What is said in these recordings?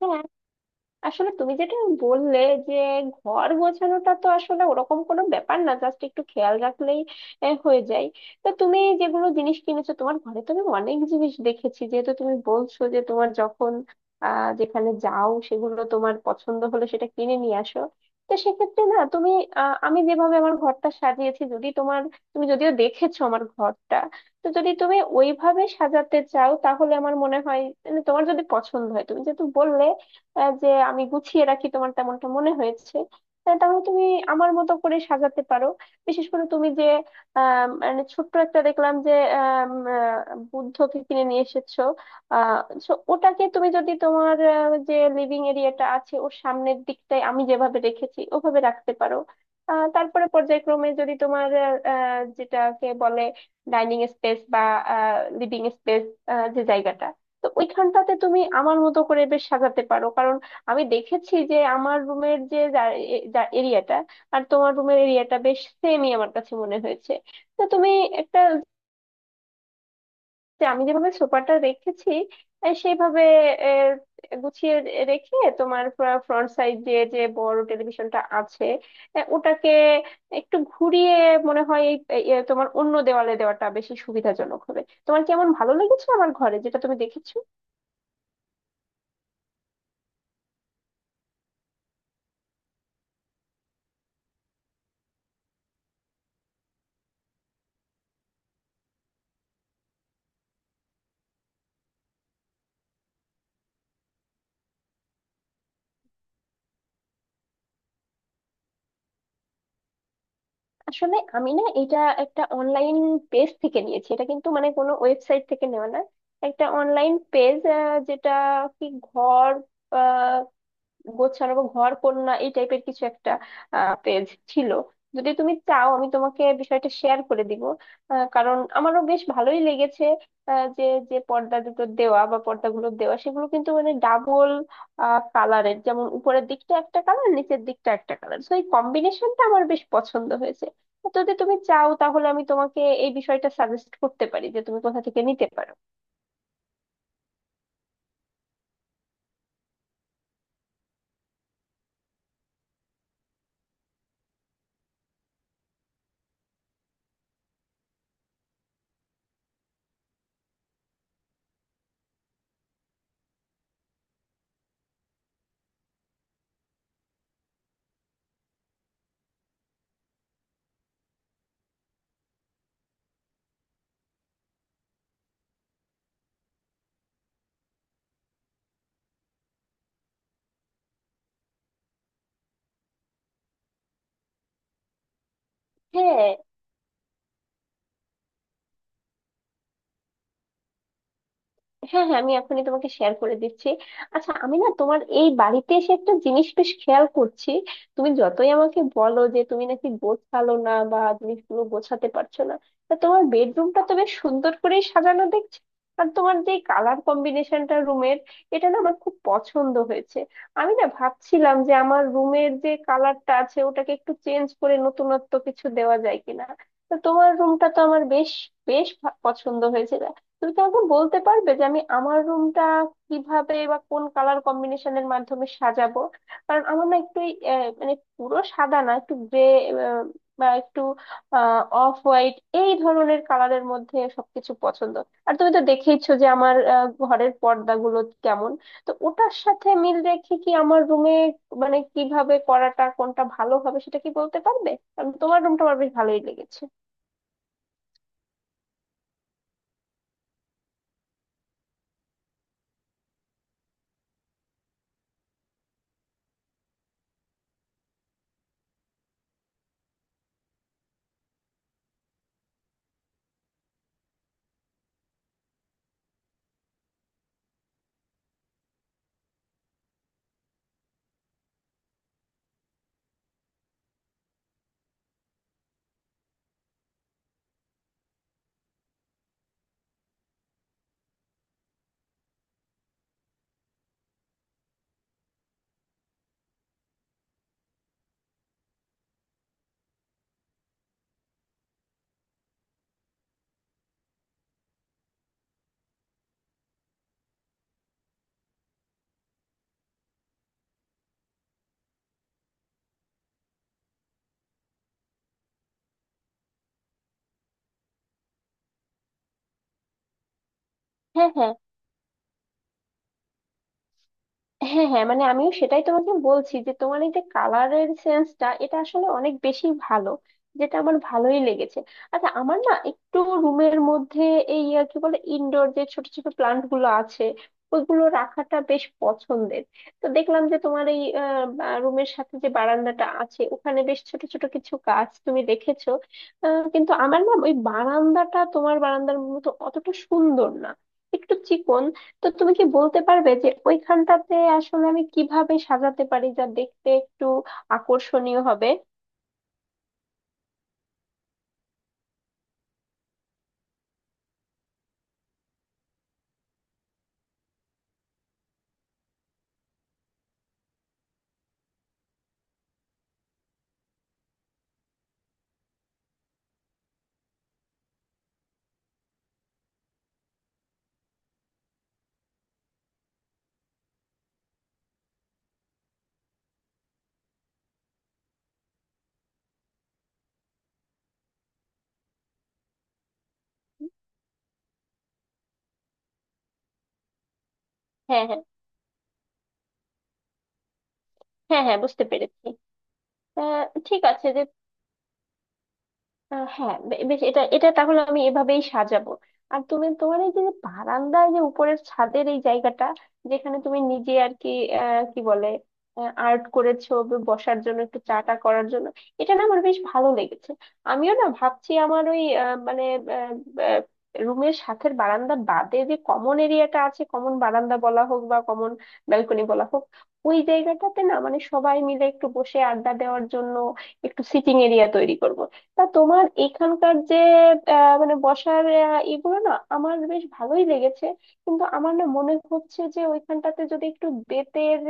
হ্যাঁ, আসলে তুমি যেটা বললে যে ঘর গোছানোটা তো আসলে ওরকম কোনো ব্যাপার না, জাস্ট একটু খেয়াল রাখলেই হয়ে যায়। তো তুমি যেগুলো জিনিস কিনেছো, তোমার ঘরে তো আমি অনেক জিনিস দেখেছি, যেহেতু তুমি বলছো যে তোমার যখন যেখানে যাও সেগুলো তোমার পছন্দ হলে সেটা কিনে নিয়ে আসো। তো সেক্ষেত্রে না তুমি, আমি যেভাবে আমার ঘরটা সাজিয়েছি, যদি তোমার, তুমি যদিও দেখেছো আমার ঘরটা, তো যদি তুমি ওইভাবে সাজাতে চাও তাহলে আমার মনে হয়, মানে তোমার যদি পছন্দ হয়, তুমি যেহেতু বললে যে আমি গুছিয়ে রাখি, তোমার তেমনটা মনে হয়েছে, তাহলে তুমি আমার মতো করে সাজাতে পারো। বিশেষ করে তুমি যে মানে ছোট্ট একটা দেখলাম যে বুদ্ধকে কিনে নিয়ে এসেছো। আহ so ওটাকে তুমি যদি তোমার যে লিভিং এরিয়াটা আছে, ওর সামনের দিকটায় আমি যেভাবে রেখেছি ওভাবে রাখতে পারো। তারপরে পর্যায়ক্রমে যদি তোমার আহ, আহ, যেটাকে বলে ডাইনিং স্পেস বা লিভিং স্পেস, যে জায়গাটা, তো ওইখানটাতে তুমি আমার মতো করে বেশ সাজাতে পারো, কারণ আমি দেখেছি যে আমার রুমের যে এরিয়াটা আর তোমার রুমের এরিয়াটা বেশ সেমই আমার কাছে মনে হয়েছে। তো তুমি একটা, যে আমি যেভাবে সোফাটা রেখেছি সেইভাবে আহ, গুছিয়ে রেখে তোমার ফ্রন্ট সাইড যে যে বড় টেলিভিশনটা আছে ওটাকে একটু ঘুরিয়ে মনে হয় এই এই, আহ, তোমার অন্য দেওয়ালে দেওয়াটা বেশি সুবিধাজনক হবে। তোমার কি এমন ভালো লেগেছে আমার ঘরে যেটা তুমি দেখেছো? আসলে আমি না এটা একটা অনলাইন পেজ থেকে নিয়েছি। এটা কিন্তু মানে কোনো ওয়েবসাইট থেকে নেওয়া না, একটা অনলাইন পেজ, যেটা কি ঘর গোছানো বা ঘর কন্যা এই টাইপের কিছু একটা পেজ ছিল। যদি তুমি চাও আমি তোমাকে বিষয়টা শেয়ার করে দিব, কারণ আমারও বেশ ভালোই লেগেছে আহ, যে যে পর্দা দুটো দেওয়া বা পর্দাগুলো দেওয়া, সেগুলো কিন্তু মানে ডাবল কালারের, যেমন উপরের দিকটা একটা কালার, নিচের দিকটা একটা কালার। তো এই কম্বিনেশনটা আমার বেশ পছন্দ হয়েছে। তো যদি তুমি চাও তাহলে আমি তোমাকে এই বিষয়টা সাজেস্ট করতে পারি যে তুমি কোথা থেকে নিতে পারো। হ্যাঁ, হ্যাঁ, আমি এখনই তোমাকে শেয়ার করে দিচ্ছি। আচ্ছা, আমি না তোমার এই বাড়িতে এসে একটা জিনিস বেশ খেয়াল করছি। তুমি যতই আমাকে বলো যে তুমি নাকি গোছালো না বা জিনিসগুলো গোছাতে পারছো না, তা তোমার বেডরুমটা তো বেশ সুন্দর করে সাজানো দেখছি। আর তোমার যে কালার কম্বিনেশনটা রুমের, এটা না আমার খুব পছন্দ হয়েছে। আমি না ভাবছিলাম যে আমার রুমের যে কালারটা আছে ওটাকে একটু চেঞ্জ করে নতুনত্ব কিছু দেওয়া যায় কিনা। তো তোমার রুমটা তো আমার বেশ, পছন্দ হয়েছে। তুমি কি আমাকে বলতে পারবে যে আমি আমার রুমটা কিভাবে বা কোন কালার কম্বিনেশনের মাধ্যমে সাজাবো? কারণ আমার না একটু মানে পুরো সাদা না, একটু গ্রে বা একটু অফ হোয়াইট, এই ধরনের কালারের মধ্যে সবকিছু পছন্দ। আর তুমি তো দেখেইছো যে আমার ঘরের পর্দাগুলো কেমন। তো ওটার সাথে মিল রেখে কি আমার রুমে, মানে কিভাবে করাটা কোনটা ভালো হবে সেটা কি বলতে পারবে? কারণ তোমার রুমটা আমার বেশ ভালোই লেগেছে। হ্যাঁ হ্যাঁ হ্যাঁ হ্যাঁ মানে আমিও সেটাই তোমাকে বলছি যে তোমার এই যে কালারের সেন্সটা, এটা আসলে অনেক বেশি ভালো, যেটা আমার ভালোই লেগেছে। আচ্ছা, আমার না একটু রুমের মধ্যে এই কি বলে ইনডোর, যে ছোট ছোট প্লান্ট গুলো আছে ওইগুলো রাখাটা বেশ পছন্দের। তো দেখলাম যে তোমার এই রুমের সাথে যে বারান্দাটা আছে, ওখানে বেশ ছোট ছোট কিছু গাছ তুমি রেখেছো, কিন্তু আমার না ওই বারান্দাটা তোমার বারান্দার মতো অতটা সুন্দর না, একটু চিকন। তো তুমি কি বলতে পারবে যে ওইখানটাতে আসলে আমি কিভাবে সাজাতে পারি যা দেখতে একটু আকর্ষণীয় হবে? হ্যাঁ হ্যাঁ হ্যাঁ হ্যাঁ বুঝতে পেরেছি। আহ, ঠিক আছে যে, হ্যাঁ, বেশ, এটা এটা তাহলে আমি এভাবেই সাজাবো। আর তুমি তোমার এই যে বারান্দায় যে উপরের ছাদের এই জায়গাটা, যেখানে তুমি নিজে আর কি কি বলে আর্ট করেছো, বসার জন্য একটু চাটা করার জন্য, এটা না আমার বেশ ভালো লেগেছে। আমিও না ভাবছি আমার ওই মানে রুমের সাথের বারান্দা বাদে যে কমন এরিয়াটা আছে, কমন বারান্দা বলা হোক বা কমন ব্যালকনি বলা হোক, ওই জায়গাটাতে না মানে সবাই মিলে একটু বসে আড্ডা দেওয়ার জন্য একটু সিটিং এরিয়া তৈরি করব। তা তোমার এখানকার যে মানে বসার, এগুলো না আমার বেশ ভালোই লেগেছে। কিন্তু আমার না মনে হচ্ছে যে ওইখানটাতে যদি একটু বেতের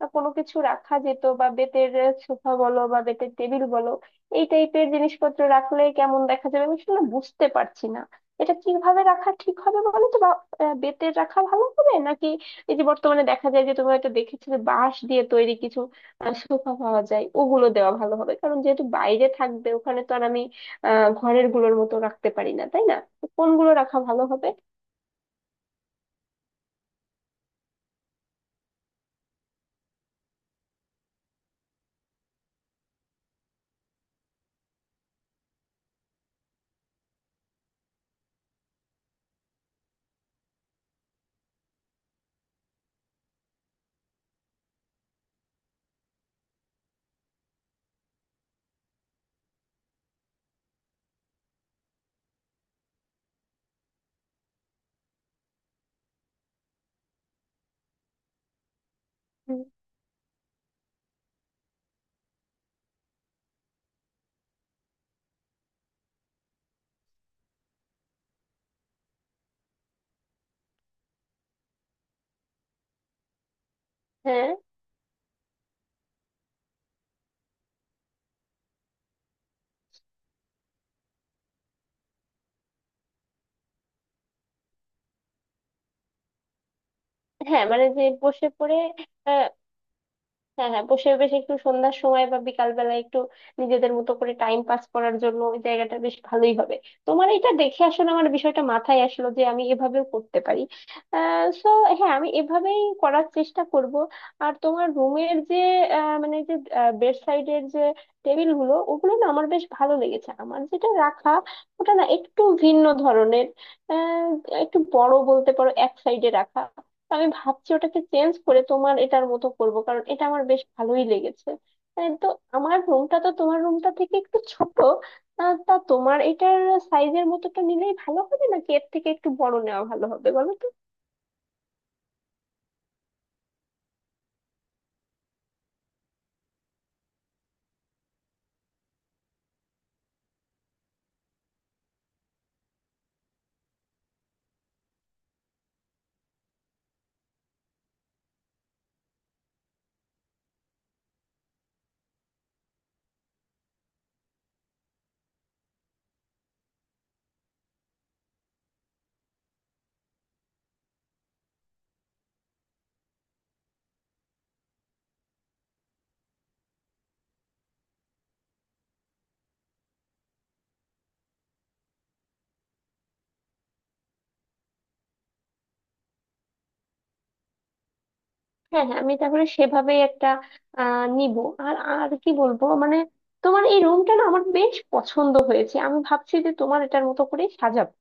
কোনো কিছু রাখা যেত, বা বেতের সোফা বলো বা বেতের টেবিল বলো, এই টাইপের জিনিসপত্র রাখলে কেমন দেখা যাবে আমি আসলে বুঝতে পারছি না। এটা কিভাবে রাখা ঠিক হবে বলো তো? বা বেতের রাখা ভালো হবে নাকি এই যে বর্তমানে দেখা যায় যে তুমি হয়তো দেখেছিলে বাঁশ দিয়ে তৈরি কিছু সোফা পাওয়া যায়, ওগুলো দেওয়া ভালো হবে? কারণ যেহেতু বাইরে থাকবে, ওখানে তো আর আমি ঘরের গুলোর মতো রাখতে পারি না, তাই না? তো কোনগুলো রাখা ভালো হবে? উম, হ্যাঁ, হ্যাঁ, মানে যে বসে পড়ে, হ্যাঁ, হ্যাঁ, বসে বেশ একটু সন্ধ্যার সময় বা বিকাল বেলায় একটু নিজেদের মতো করে টাইম পাস করার জন্য ওই জায়গাটা বেশ ভালোই হবে। তোমার এটা দেখে আসলে আমার বিষয়টা মাথায় আসলো যে আমি এভাবেও করতে পারি। সো হ্যাঁ, আমি এভাবেই করার চেষ্টা করব। আর তোমার রুমের যে মানে যে বেড সাইডের যে টেবিল গুলো, ওগুলো না আমার বেশ ভালো লেগেছে। আমার যেটা রাখা ওটা না একটু ভিন্ন ধরনের, আহ, একটু বড় বলতে পারো, এক সাইডে রাখা। তো আমি ভাবছি ওটাকে চেঞ্জ করে তোমার এটার মতো করব, কারণ এটা আমার বেশ ভালোই লেগেছে। তো আমার রুমটা তো তোমার রুমটা থেকে একটু ছোট। তা তোমার এটার সাইজের মতোটা নিলেই ভালো হবে নাকি এর থেকে একটু বড় নেওয়া ভালো হবে বলো তো? হ্যাঁ হ্যাঁ আমি তাহলে সেভাবেই একটা নিব। আর আর কি বলবো, মানে তোমার এই রুমটা না আমার বেশ পছন্দ হয়েছে, আমি ভাবছি যে তোমার এটার মতো করেই সাজাবো।